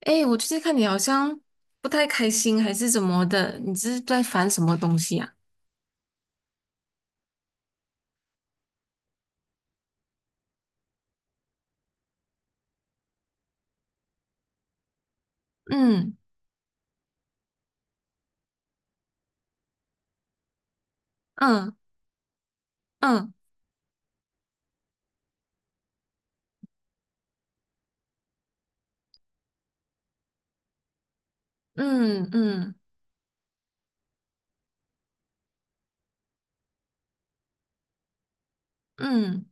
哎，我最近看你好像不太开心，还是怎么的？你是在烦什么东西呀、嗯嗯嗯嗯嗯嗯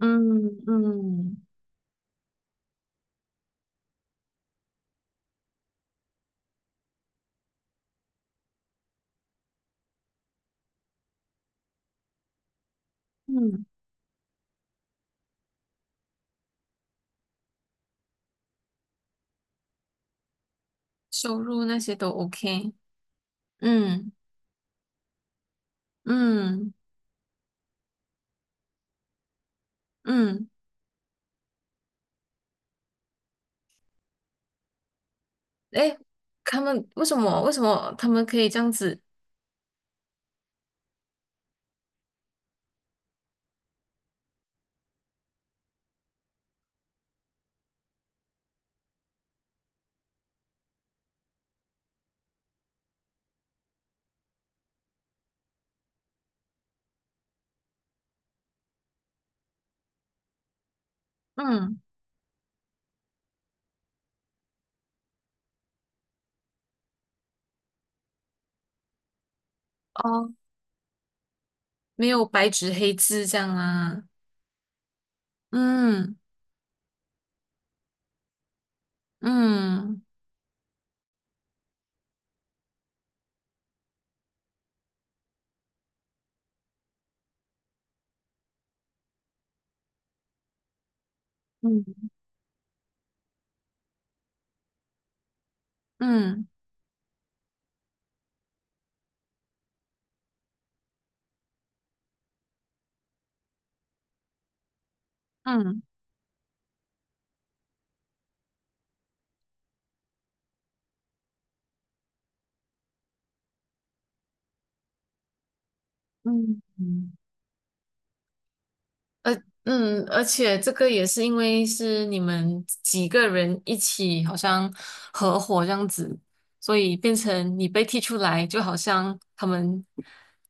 嗯嗯嗯，收入那些都 OK。嗯嗯嗯。哎，他们为什么他们可以这样子？嗯。哦，没有白纸黑字这样啊。嗯嗯嗯嗯嗯嗯嗯。呃，嗯，而且这个也是因为是你们几个人一起，好像合伙这样子，所以变成你被踢出来，就好像他们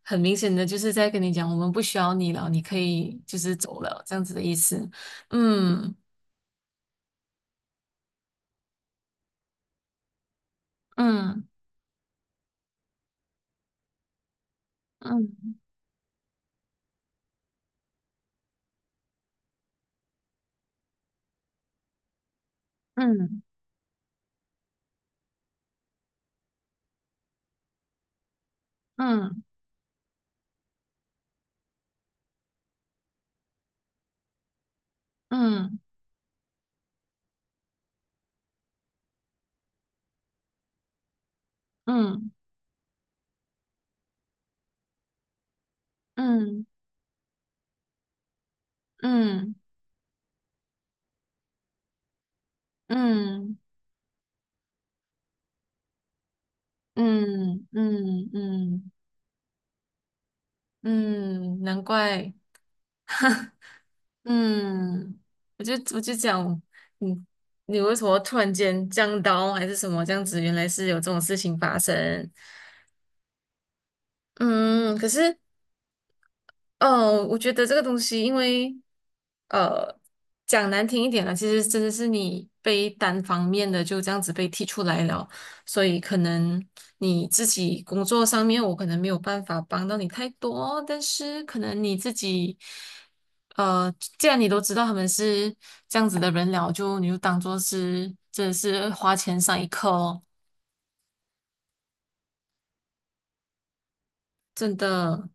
很明显的就是在跟你讲，我们不需要你了，你可以就是走了，这样子的意思。嗯嗯嗯嗯嗯嗯嗯嗯嗯嗯嗯嗯嗯嗯，嗯难怪。嗯，我就讲。嗯，你为什么突然间降刀还是什么这样子？原来是有这种事情发生。嗯，可是哦，我觉得这个东西，因为呃，讲难听一点了，其实真的是你被单方面的就这样子被踢出来了，所以可能你自己工作上面，我可能没有办法帮到你太多，但是可能你自己，呃，既然你都知道他们是这样子的人了，就你就当做是真的是花钱上一课哦，真的。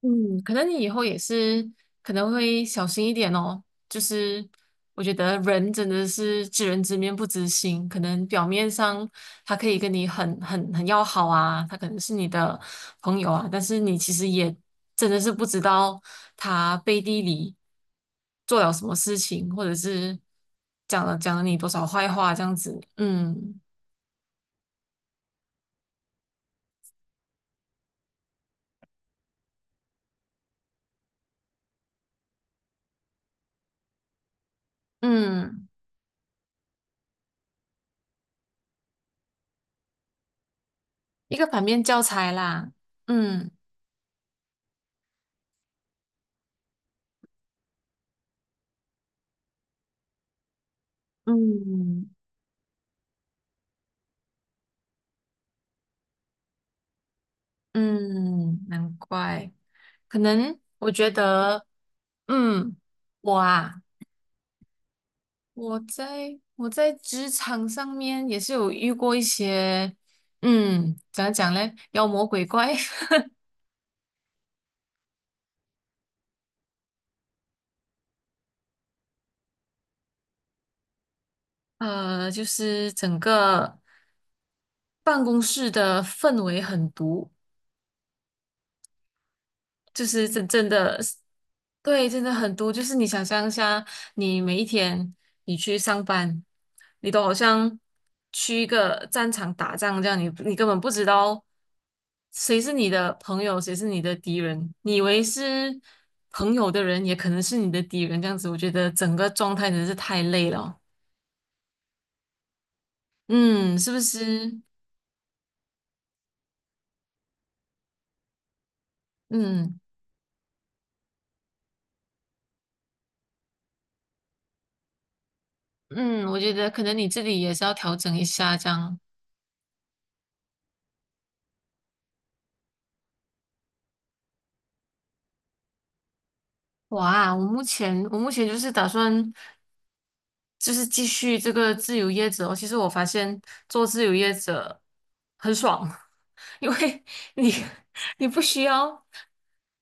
嗯，可能你以后也是可能会小心一点哦。就是我觉得人真的是知人知面不知心，可能表面上他可以跟你很很很要好啊，他可能是你的朋友啊，但是你其实也真的是不知道他背地里做了什么事情，或者是讲了你多少坏话这样子。嗯嗯，一个反面教材啦。嗯嗯。嗯，难怪，可能我觉得，嗯，我啊，我在职场上面也是有遇过一些，嗯，怎样讲嘞，妖魔鬼怪。就是整个办公室的氛围很毒，就是真真的对，真的很多。就是你想象一下，你每一天你去上班，你都好像去一个战场打仗这样，你你根本不知道谁是你的朋友，谁是你的敌人。你以为是朋友的人，也可能是你的敌人。这样子，我觉得整个状态真的是太累了。嗯，是不是？嗯嗯，我觉得可能你自己也是要调整一下这样。哇，我目前就是打算。就是继续这个自由业者哦。其实我发现做自由业者很爽。因为你你不需要，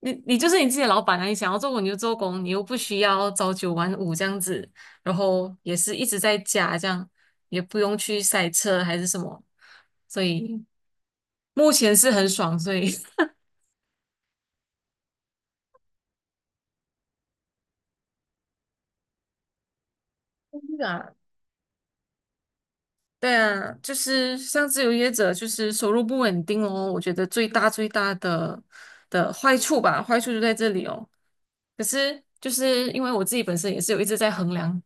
你你就是你自己的老板啊，你想要做工你就做工，你又不需要朝九晚五这样子，然后也是一直在家这样，也不用去塞车还是什么，所以目前是很爽，所以 对啊，就是像自由业者，就是收入不稳定哦。我觉得最大的坏处吧，坏处就在这里哦。可是就是因为我自己本身也是有一直在衡量，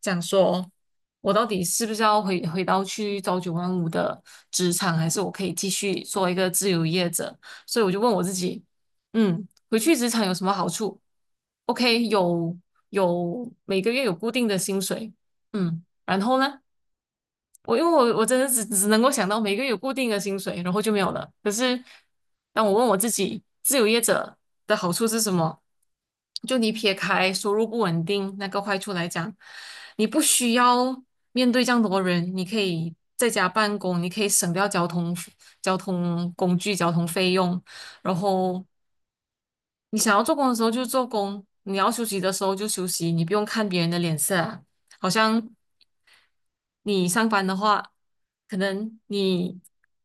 讲说我到底是不是要回到去朝九晚五的职场，还是我可以继续做一个自由业者？所以我就问我自己，嗯，回去职场有什么好处？OK，有每个月有固定的薪水，嗯，然后呢？我因为我真的只能够想到每个月有固定的薪水，然后就没有了。可是当我问我自己，自由业者的好处是什么？就你撇开收入不稳定那个坏处来讲，你不需要面对这样多人，你可以在家办公，你可以省掉交通工具、交通费用，然后你想要做工的时候就做工，你要休息的时候就休息，你不用看别人的脸色啊。好像你上班的话，可能你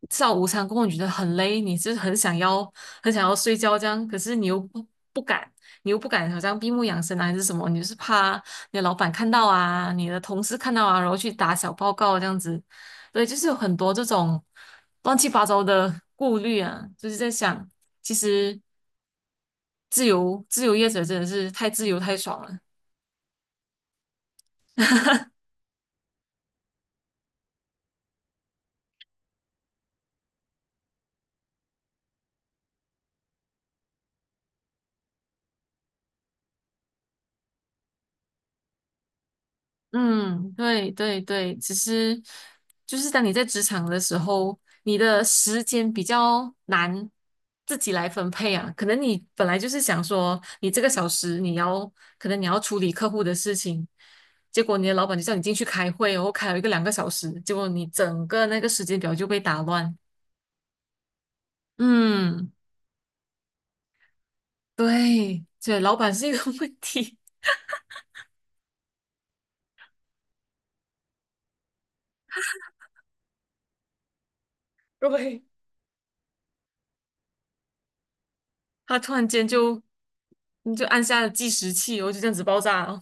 吃完午餐过后你觉得很累，你就是很想要睡觉这样，可是你又不敢，你又不敢好像闭目养神啊还是什么，你就是怕你的老板看到啊，你的同事看到啊，然后去打小报告这样子，对，就是有很多这种乱七八糟的顾虑啊，就是在想，其实自由业者真的是太自由太爽了。嗯，对对对，其实就是当你在职场的时候，你的时间比较难自己来分配啊。可能你本来就是想说，你这个小时你要，可能你要处理客户的事情，结果你的老板就叫你进去开会哦，然后开了一个两个小时，结果你整个那个时间表就被打乱。嗯，对，对，老板是一个 问题，对，他突然间就你就按下了计时器哦，然后就这样子爆炸了。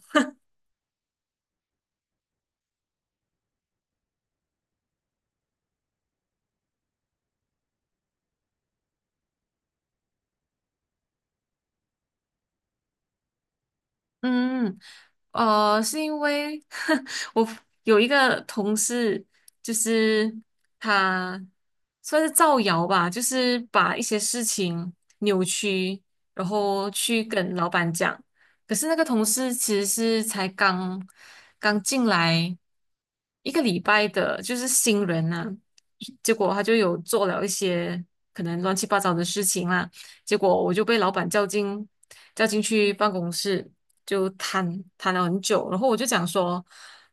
嗯，是因为 我有一个同事，就是他算是造谣吧，就是把一些事情扭曲，然后去跟老板讲。可是那个同事其实是才刚刚进来一个礼拜的，就是新人呐、结果他就有做了一些可能乱七八糟的事情啦，结果我就被老板叫进去办公室。就谈了很久，然后我就讲说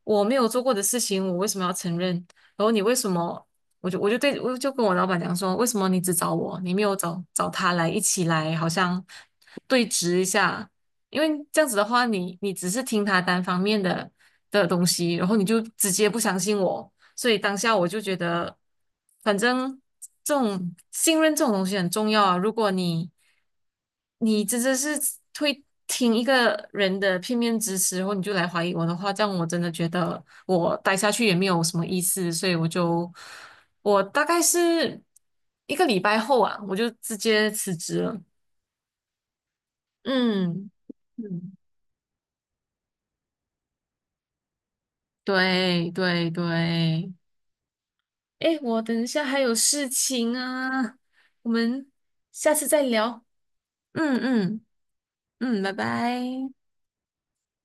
我没有做过的事情，我为什么要承认？然后你为什么？我就跟我老板讲说，为什么你只找我，你没有找他来一起来，好像对峙一下？因为这样子的话，你只是听他单方面的东西，然后你就直接不相信我，所以当下我就觉得，反正这种信任这种东西很重要啊。如果你真的是会听一个人的片面之词，然后你就来怀疑我的话，这样我真的觉得我待下去也没有什么意思。所以我大概是一个礼拜后啊，我就直接辞职了。嗯嗯，对对对，哎，我等一下还有事情啊，我们下次再聊。嗯嗯嗯，拜拜。